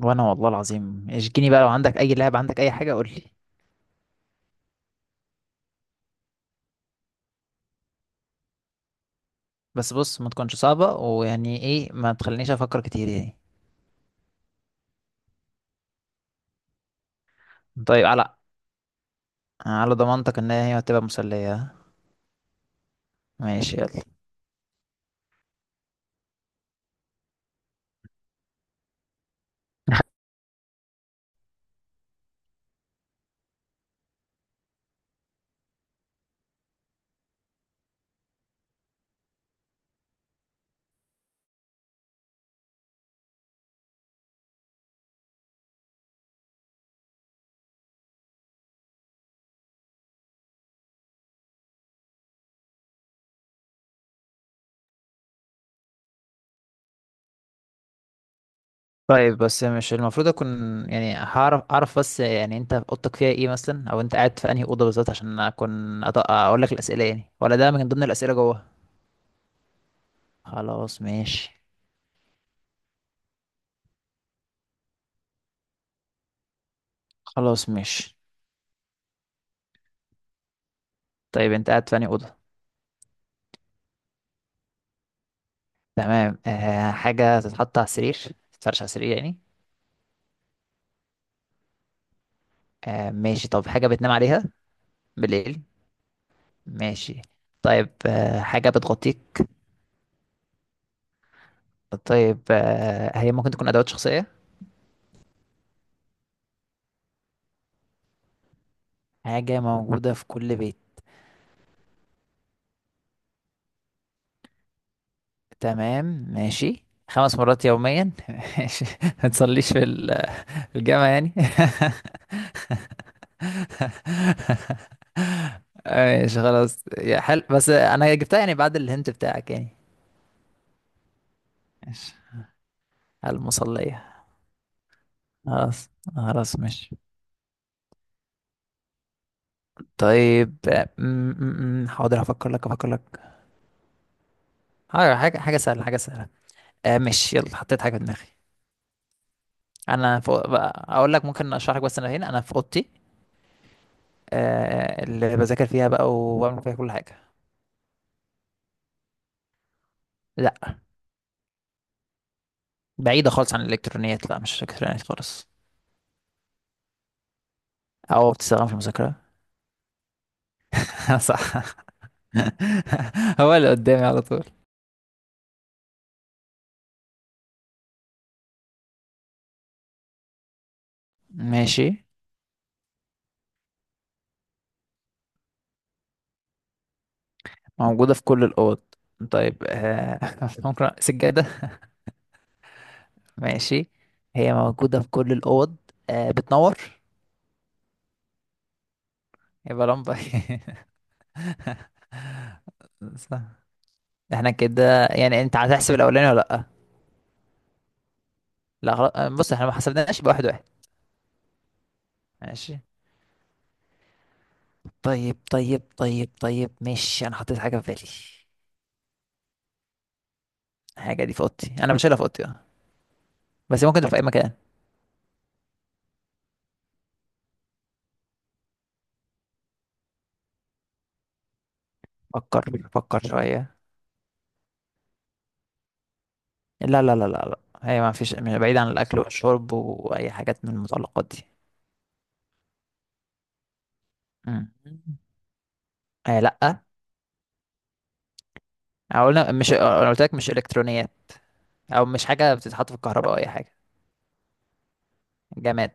وانا والله العظيم اشجيني بقى، لو عندك اي لعبة، عندك اي حاجة قول لي. بس بص، ما تكونش صعبة ويعني ايه، ما تخلينيش افكر كتير يعني. طيب على ضمانتك ان هي هتبقى مسلية، ها؟ ماشي يلا. طيب بس مش المفروض اكون، يعني هعرف اعرف بس، يعني انت اوضتك فيها ايه مثلا، او انت قاعد في انهي اوضه بالظبط عشان اكون. اقول لك الاسئله يعني، ولا ده من ضمن الاسئله جوه؟ خلاص ماشي. خلاص ماشي. طيب انت قاعد في انهي اوضه؟ تمام. آه، حاجه تتحط على السرير، تتفرش على السرير يعني. آه ماشي. طب حاجة بتنام عليها بالليل؟ ماشي. طيب، آه حاجة بتغطيك؟ طيب، آه هي ممكن تكون أدوات شخصية؟ حاجة موجودة في كل بيت. تمام. ماشي. 5 مرات يوميا؟ ماشي. ما تصليش في الجامع يعني؟ ماشي خلاص يا حل، بس أنا جبتها يعني بعد الهنت بتاعك يعني. ماشي. المصلية. خلاص. خلاص ماشي. طيب، آه، م- م- م، حاضر هفكر لك، هفكر لك. حاضر. حاجة سهلة. آه ماشي يلا، حطيت حاجة في دماغي. انا فوق بقى اقول لك، ممكن اشرح لك، بس انا هنا انا في اوضتي. آه، اللي بذاكر فيها بقى وبعمل فيها كل حاجة. لا. بعيدة خالص عن الالكترونيات، لا مش الكترونيات خالص. او بتستخدم في المذاكرة. صح. هو اللي قدامي على طول. ماشي. موجودة في كل الأوض. طيب، آه ممكن سجادة؟ ماشي. هي موجودة في كل الأوض. آه، بتنور. يبقى لمبة. صح. احنا كده يعني، انت هتحسب الأولاني ولا لأ؟ لا خلاص، آه، بص احنا ما حسبناش بواحد واحد واحد. ماشي. طيب ماشي، انا حطيت حاجة في بالي. الحاجة دي في اوضتي. انا مش شايلها في اوضتي، اه، بس ممكن تبقى في اي مكان. فكر فكر شوية. لا لا لا لا لا، هي ما فيش، مش بعيد عن الاكل والشرب واي حاجات من المتعلقات دي. مم. آه لا. أو قلنا، مش انا قلت لك مش الكترونيات، او مش حاجة بتتحط في الكهرباء او اي حاجة. جماد.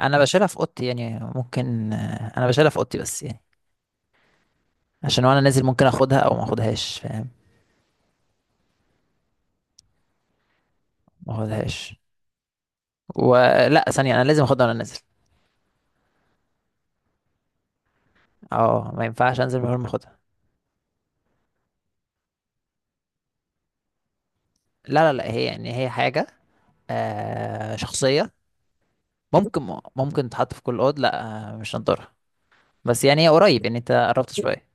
انا بشيلها في اوضتي يعني، ممكن، آه، انا بشيلها في اوضتي بس يعني، عشان وانا نازل ممكن اخدها او ما اخدهاش، فاهم؟ ما اخدهاش، ولا ثانية أنا لازم أخدها وأنا نازل؟ اه، ما ينفعش أنزل من غير ما أخدها. لا لا لا، هي يعني هي حاجة آه شخصية. ممكن تتحط في كل أوض، لا. آه، مش هنطرها، بس يعني هي قريب يعني، أنت قربت شوية.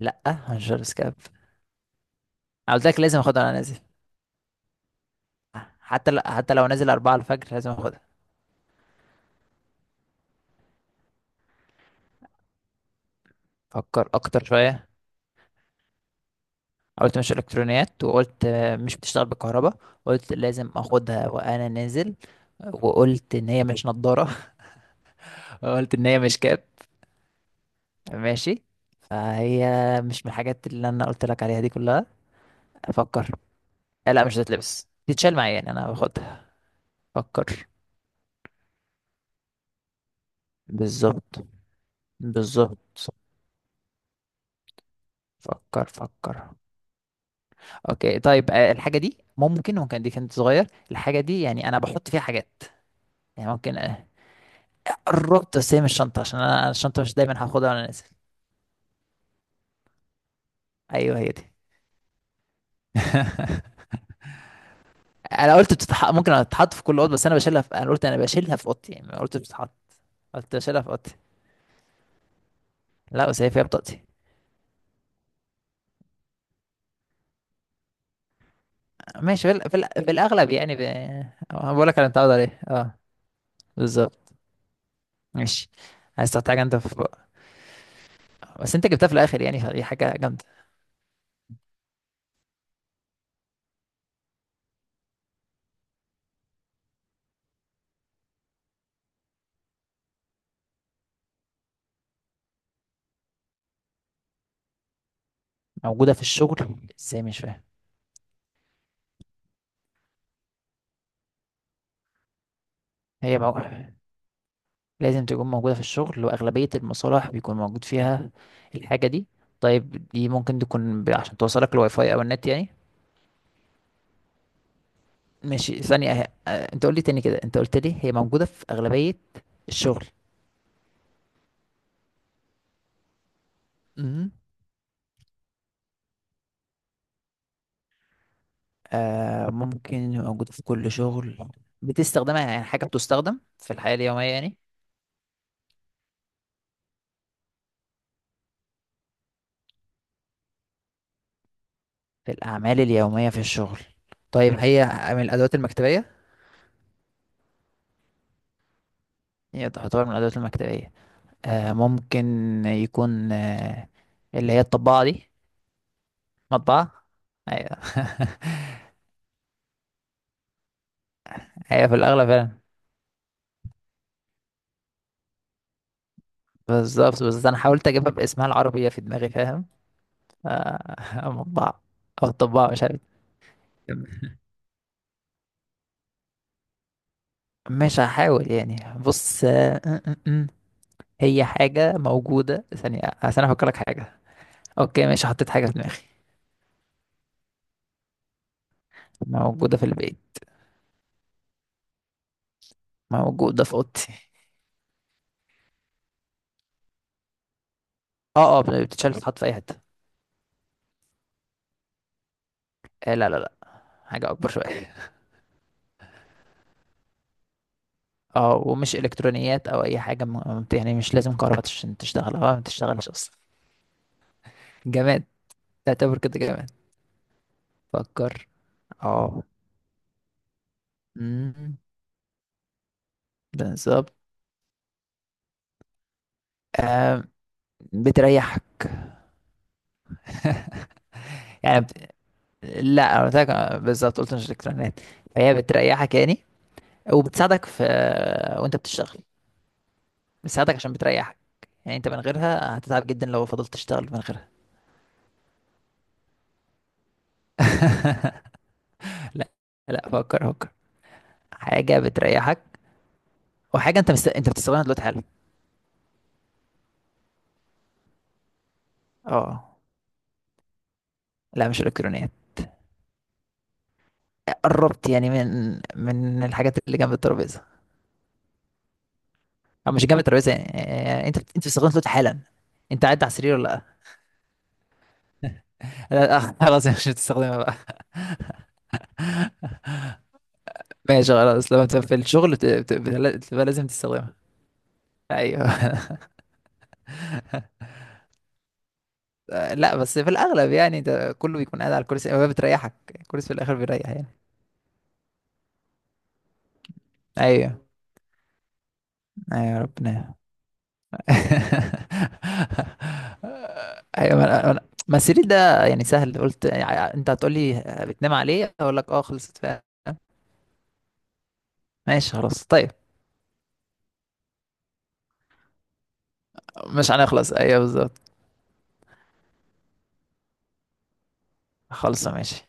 لا هنشر سكاب. أنا قلت لك لازم أخدها وأنا نازل، حتى لا، حتى لو نازل 4 الفجر لازم أخدها. فكر أكتر شوية. قلت مش إلكترونيات، وقلت آه، مش بتشتغل بالكهرباء، قلت لازم أخدها وأنا نازل، وقلت إن هي مش نضارة، قلت إن هي مش كاب. ماشي. فهي مش من الحاجات اللي انا قلت لك عليها دي كلها. افكر. آه، لا مش هتتلبس، تتشال معايا يعني، انا باخدها. افكر. بالظبط. بالظبط. فكر فكر. اوكي طيب، آه، الحاجه دي ممكن، ممكن دي كانت صغير الحاجه دي يعني انا بحط فيها حاجات. يعني ممكن. آه، قربت، بس هي مش شنطه، عشان انا الشنطه مش دايما هاخدها وانا نازل. ايوه هي دي. انا قلت ممكن تتحط في كل اوضه، بس انا بشيلها انا قلت انا بشيلها في اوضتي يعني، ما قلت بتتحط. قلت بشيلها في اوضتي. لا بس هي فيها بطاقتي. ماشي. في الاغلب يعني، أنا بقول لك انا متعود عليه، اه. بالظبط. ماشي. عايز تحط حاجه انت في، بس انت جبتها في الاخر يعني، فدي حاجه جامده. موجوده في الشغل ازاي؟ مش فاهم. هي مو... لازم تكون موجوده في الشغل، واغلبيه المصالح بيكون موجود فيها الحاجه دي؟ طيب دي ممكن تكون عشان توصلك الواي فاي او النت يعني؟ ماشي. ثانيه أه... آه، انت قول لي تاني كده، انت قلت لي هي موجوده في اغلبيه الشغل. آه، ممكن يبقى موجودة في كل شغل. بتستخدمها يعني، حاجة بتستخدم في الحياة اليومية يعني. في الأعمال اليومية في الشغل. طيب هي من الأدوات المكتبية. هي تعتبر من الأدوات المكتبية. آه، ممكن يكون آه اللي هي الطباعة دي. مطبعة. أيوة. هي في الأغلب فعلا. بالظبط، بس أنا حاولت أجيبها باسمها العربي في دماغي، فاهم؟ آه، مطبعة. أو الطباعة، مش عارف. مش هحاول يعني، بص. هي حاجة موجودة ثانية عشان أفكر لك حاجة. أوكي ماشي، حطيت حاجة في دماغي. موجودة في البيت. موجودة في أوضتي. أه أه، بتتشال تتحط في أي حتة. آه لا لا لا، حاجة أكبر شوية. أه، ومش إلكترونيات أو أي حاجة، م... يعني مش لازم كهرباء عشان تشتغل، أه ما بتشتغلش أصلا. جماد. تعتبر كده جماد. فكر. أه. أمم، بالظبط. آه، بتريحك يعني، بت... لا أنا قلت لك، آه، بالظبط قلت مش إلكترونيات. فهي بتريحك يعني، وبتساعدك في آه، وأنت بتشتغل. بتساعدك عشان بتريحك. يعني انت من غيرها هتتعب جدا لو فضلت تشتغل من غيرها. لا. لا فكر فكر. حاجة بتريحك، وحاجة انت انت بتستخدمها دلوقتي حالا. اه. لا مش الكترونيات. قربت يعني، من الحاجات اللي جنب الترابيزة. او مش جنب الترابيزة يعني، آه، انت بتستخدمها دلوقتي حالا. انت قاعد على السرير ولا؟ لا لا، آه، خلاص مش هتستخدمها بقى. ماشي خلاص، لما تبقى في الشغل بتبقى لازم تستخدمها. ايوه. آه، لا بس في الاغلب يعني، انت كله بيكون قاعد على الكرسي، هو بتريحك. الكرسي في الاخر بيريح يعني. ايوه. ايوه ربنا. ايوه، ما السرير ده يعني سهل، قلت يعني انت هتقول لي بتنام عليه، اقول لك اه، خلصت فعلا. ماشي خلاص طيب. مش هنخلص، ايوه بالظبط. خلص ماشي.